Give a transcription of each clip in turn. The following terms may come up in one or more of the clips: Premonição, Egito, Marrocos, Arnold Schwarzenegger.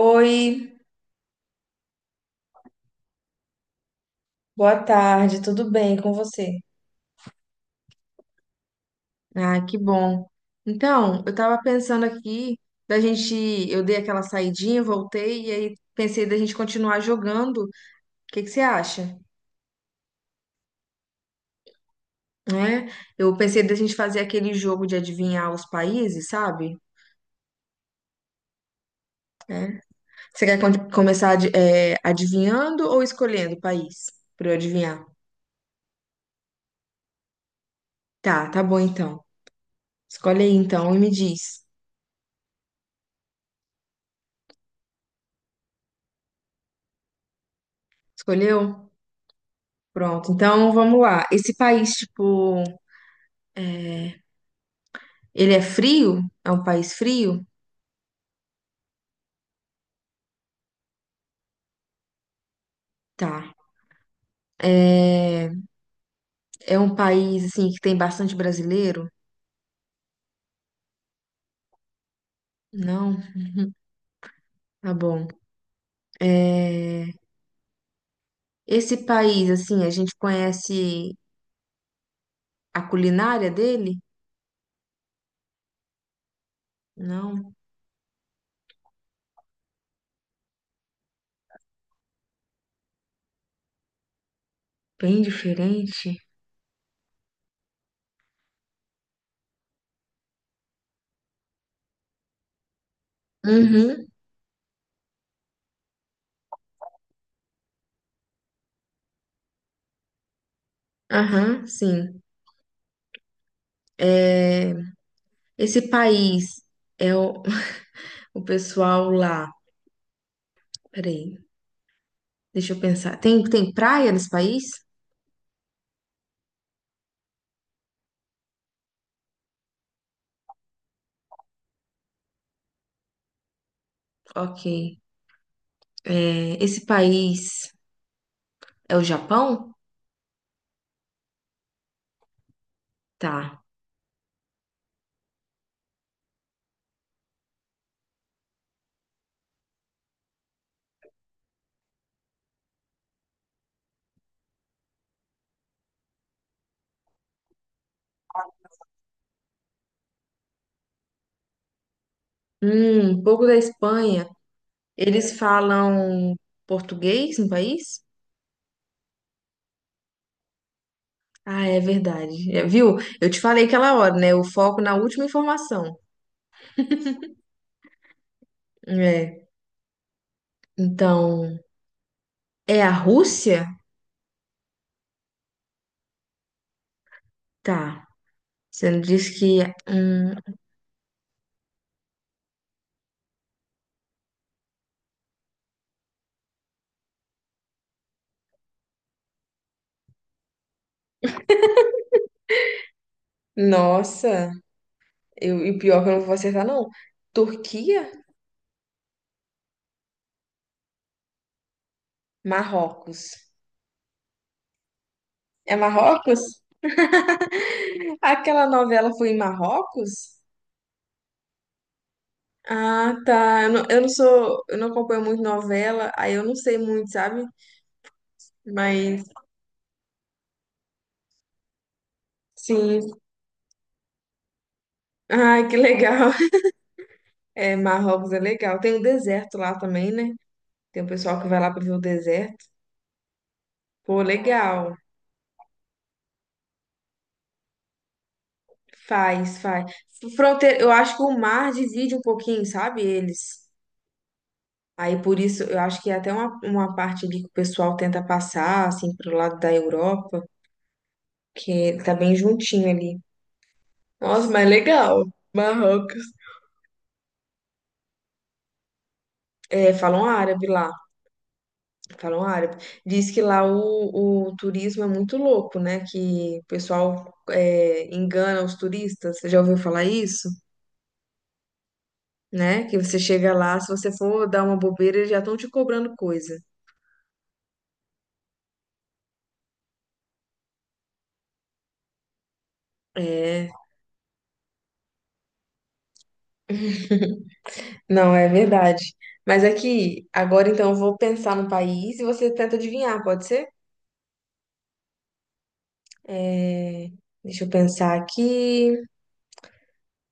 Oi, boa tarde, tudo bem com você? Ah, que bom. Então, eu tava pensando aqui da gente, eu dei aquela saidinha, voltei e aí pensei da gente continuar jogando. O que que você acha? Né? Eu pensei da gente fazer aquele jogo de adivinhar os países, sabe? Você quer começar adivinhando ou escolhendo o país para eu adivinhar? Tá, tá bom então. Escolhe aí então e me diz. Escolheu? Pronto. Então, vamos lá. Esse país, tipo, ele é frio? É um país frio? Tá. É, é um país assim que tem bastante brasileiro? Não? Tá bom. É, esse país, assim, a gente conhece a culinária dele? Não, bem diferente. Uhum, aham, sim. É, esse país é o, o pessoal lá. Peraí, deixa eu pensar. Tem praia nesse país? Ok. É, esse país é o Japão? Tá. Um pouco da Espanha. Eles falam português no país? Ah, é verdade. É, viu? Eu te falei aquela hora, né? O foco na última informação. É. Então, é a Rússia? Tá. Você não disse que. Nossa, eu, e o pior que eu não vou acertar, não. Turquia? Marrocos. É Marrocos? Aquela novela foi em Marrocos? Ah, tá. Eu não sou, eu não acompanho muito novela, aí eu não sei muito, sabe? Mas sim. Ai, que legal. É, Marrocos é legal. Tem o deserto lá também, né? Tem o pessoal que vai lá pra ver o deserto. Pô, legal. Faz, faz. Fronteira, eu acho que o mar divide um pouquinho, sabe? Eles. Aí por isso, eu acho que é até uma parte ali que o pessoal tenta passar, assim, pro lado da Europa, que tá bem juntinho ali. Nossa, mas legal. Marrocos. É, falam árabe lá, falam árabe. Diz que lá o turismo é muito louco, né? Que o pessoal é, engana os turistas. Você já ouviu falar isso? Né? Que você chega lá, se você for dar uma bobeira, eles já estão te cobrando coisa. É, não, é verdade. Mas aqui, agora então eu vou pensar no país e você tenta adivinhar, pode ser? É, deixa eu pensar aqui.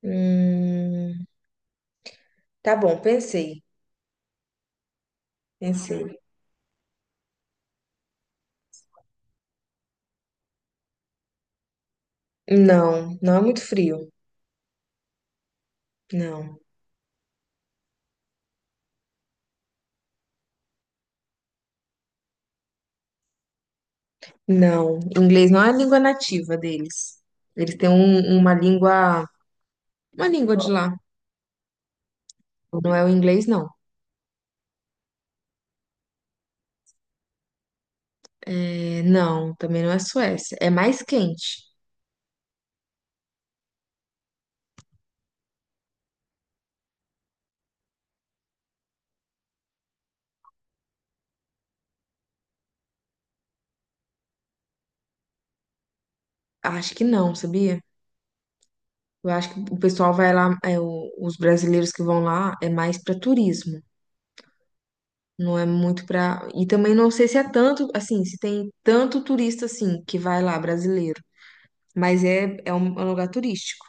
Hum, tá bom, pensei, pensei. Não, não é muito frio, não. Não, inglês não é a língua nativa deles. Eles têm uma língua de lá. Não é o inglês, não. É, não, também não é Suécia. É mais quente. Acho que não, sabia? Eu acho que o pessoal vai lá, é, os brasileiros que vão lá é mais para turismo. Não é muito para. E também não sei se é tanto, assim, se tem tanto turista assim que vai lá, brasileiro. Mas é, é um lugar turístico.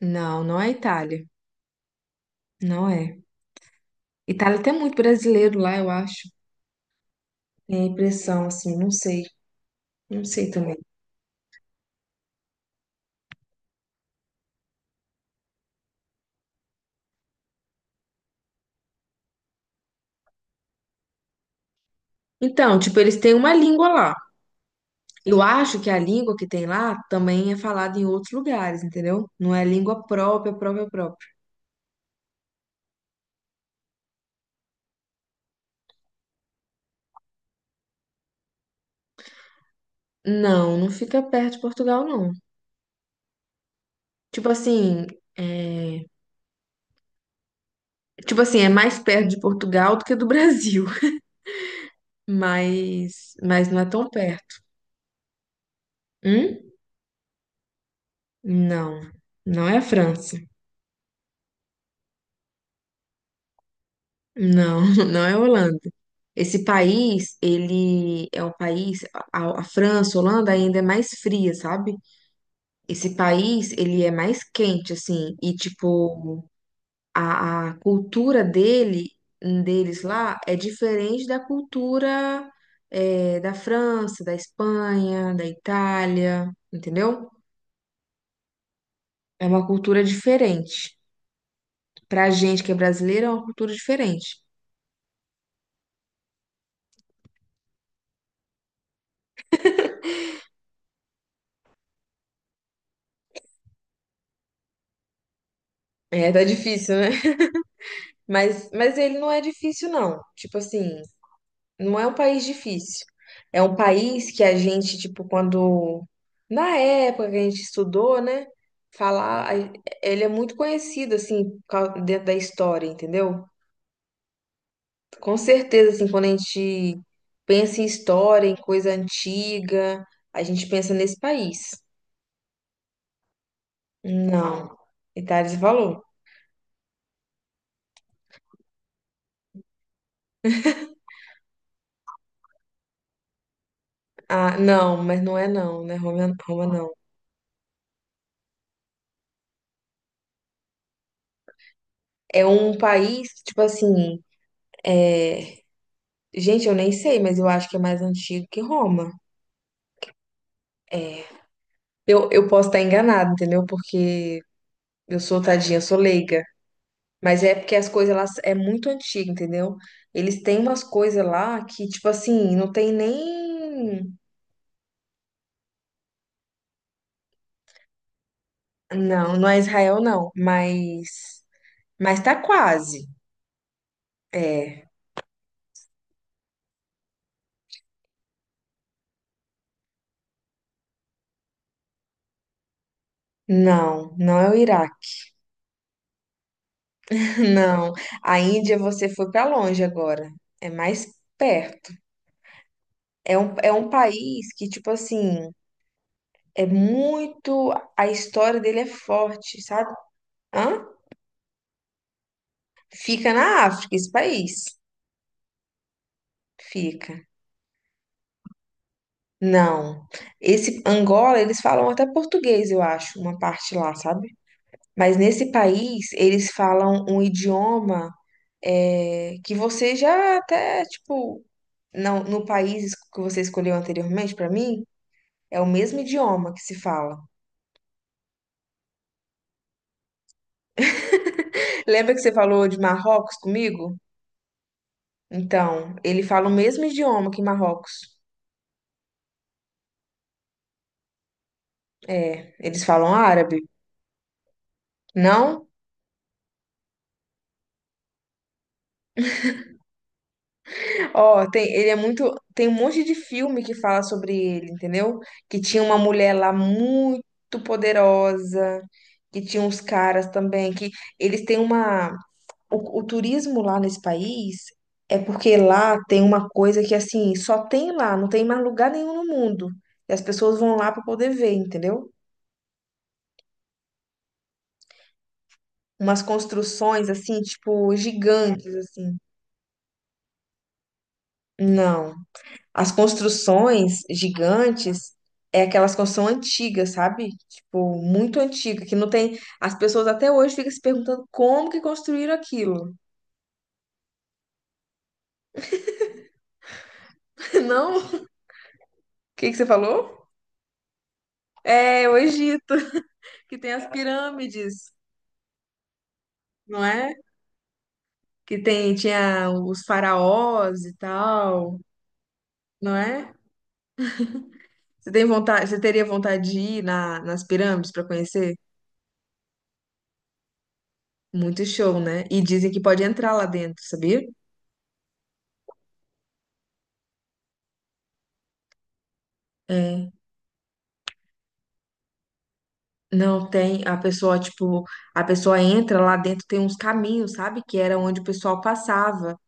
Não, não é Itália. Não é. Itália tem muito brasileiro lá, eu acho. Tem a impressão, assim, não sei, não sei também. Então, tipo, eles têm uma língua lá. Eu acho que a língua que tem lá também é falada em outros lugares, entendeu? Não é língua própria, própria, própria. Não, não fica perto de Portugal, não. Tipo assim, é... tipo assim, é mais perto de Portugal do que do Brasil, mas não é tão perto. Hum? Não, não é a França. Não, não é Holanda. Esse país, ele é um país, a França, Holanda ainda é mais fria, sabe? Esse país, ele é mais quente, assim, e tipo, a cultura dele, deles lá, é diferente da cultura é, da França, da Espanha, da Itália, entendeu? É uma cultura diferente. Pra gente que é brasileiro, é uma cultura diferente. É, tá difícil, né? Mas ele não é difícil, não. Tipo assim, não é um país difícil. É um país que a gente, tipo, quando. Na época que a gente estudou, né? Falar. Ele é muito conhecido, assim, dentro da história, entendeu? Com certeza, assim, quando a gente pensa em história, em coisa antiga, a gente pensa nesse país. Não. Itália, você falou? Ah, não, mas não é não, né? Roma, Roma não. É um país, tipo assim é, gente, eu nem sei, mas eu acho que é mais antigo que Roma. É. Eu posso estar enganada, entendeu? Porque eu sou tadinha, eu sou leiga. Mas é porque as coisas lá é muito antiga, entendeu? Eles têm umas coisas lá que, tipo assim, não tem nem. Não, não é Israel, não. Mas. Mas tá quase. É. Não, não é o Iraque. Não. A Índia você foi pra longe agora. É mais perto. É um país que, tipo assim. É muito. A história dele é forte, sabe? Hã? Fica na África, esse país. Fica. Não. Esse Angola, eles falam até português, eu acho, uma parte lá, sabe? Mas nesse país, eles falam um idioma é, que você já até, tipo, não, no país que você escolheu anteriormente, pra mim, é o mesmo idioma que se fala. Lembra que você falou de Marrocos comigo? Então, ele fala o mesmo idioma que Marrocos. É, eles falam árabe. Não? Ó, tem, ele é muito. Tem um monte de filme que fala sobre ele, entendeu? Que tinha uma mulher lá muito poderosa, que tinha uns caras também, que eles têm uma. O turismo lá nesse país é porque lá tem uma coisa que assim, só tem lá, não tem mais lugar nenhum no mundo. E as pessoas vão lá para poder ver, entendeu? Umas construções assim, tipo, gigantes, assim. Não. As construções gigantes é aquelas construções antigas, sabe? Tipo, muito antiga, que não tem. As pessoas até hoje ficam se perguntando como que construíram aquilo. Não? O que que você falou? É, o Egito, que tem as pirâmides, não é? Que tem, tinha os faraós e tal, não é? Você tem vontade, você teria vontade de ir na, nas pirâmides para conhecer? Muito show, né? E dizem que pode entrar lá dentro, sabia? É. Não tem, a pessoa, tipo, a pessoa entra lá dentro, tem uns caminhos, sabe? Que era onde o pessoal passava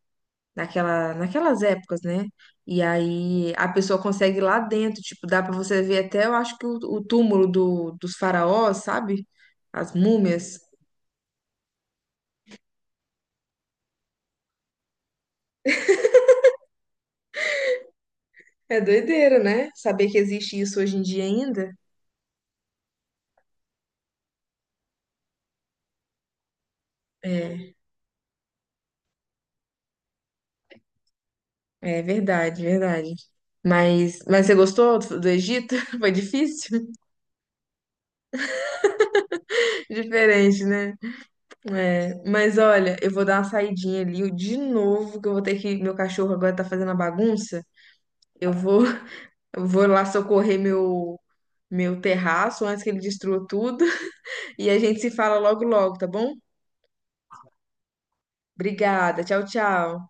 naquela, naquelas épocas, né? E aí a pessoa consegue ir lá dentro, tipo, dá pra você ver até, eu acho que o túmulo do, dos faraós, sabe? As múmias. É doideira, né? Saber que existe isso hoje em dia ainda. É, é verdade, verdade. Mas você gostou do do Egito? Foi difícil? Diferente, né? É, mas olha, eu vou dar uma saidinha ali de novo, que eu vou ter que. Meu cachorro agora tá fazendo a bagunça. Eu vou, eu vou lá socorrer meu, meu terraço antes que ele destrua tudo. E a gente se fala logo, logo, tá bom? Obrigada. Tchau, tchau.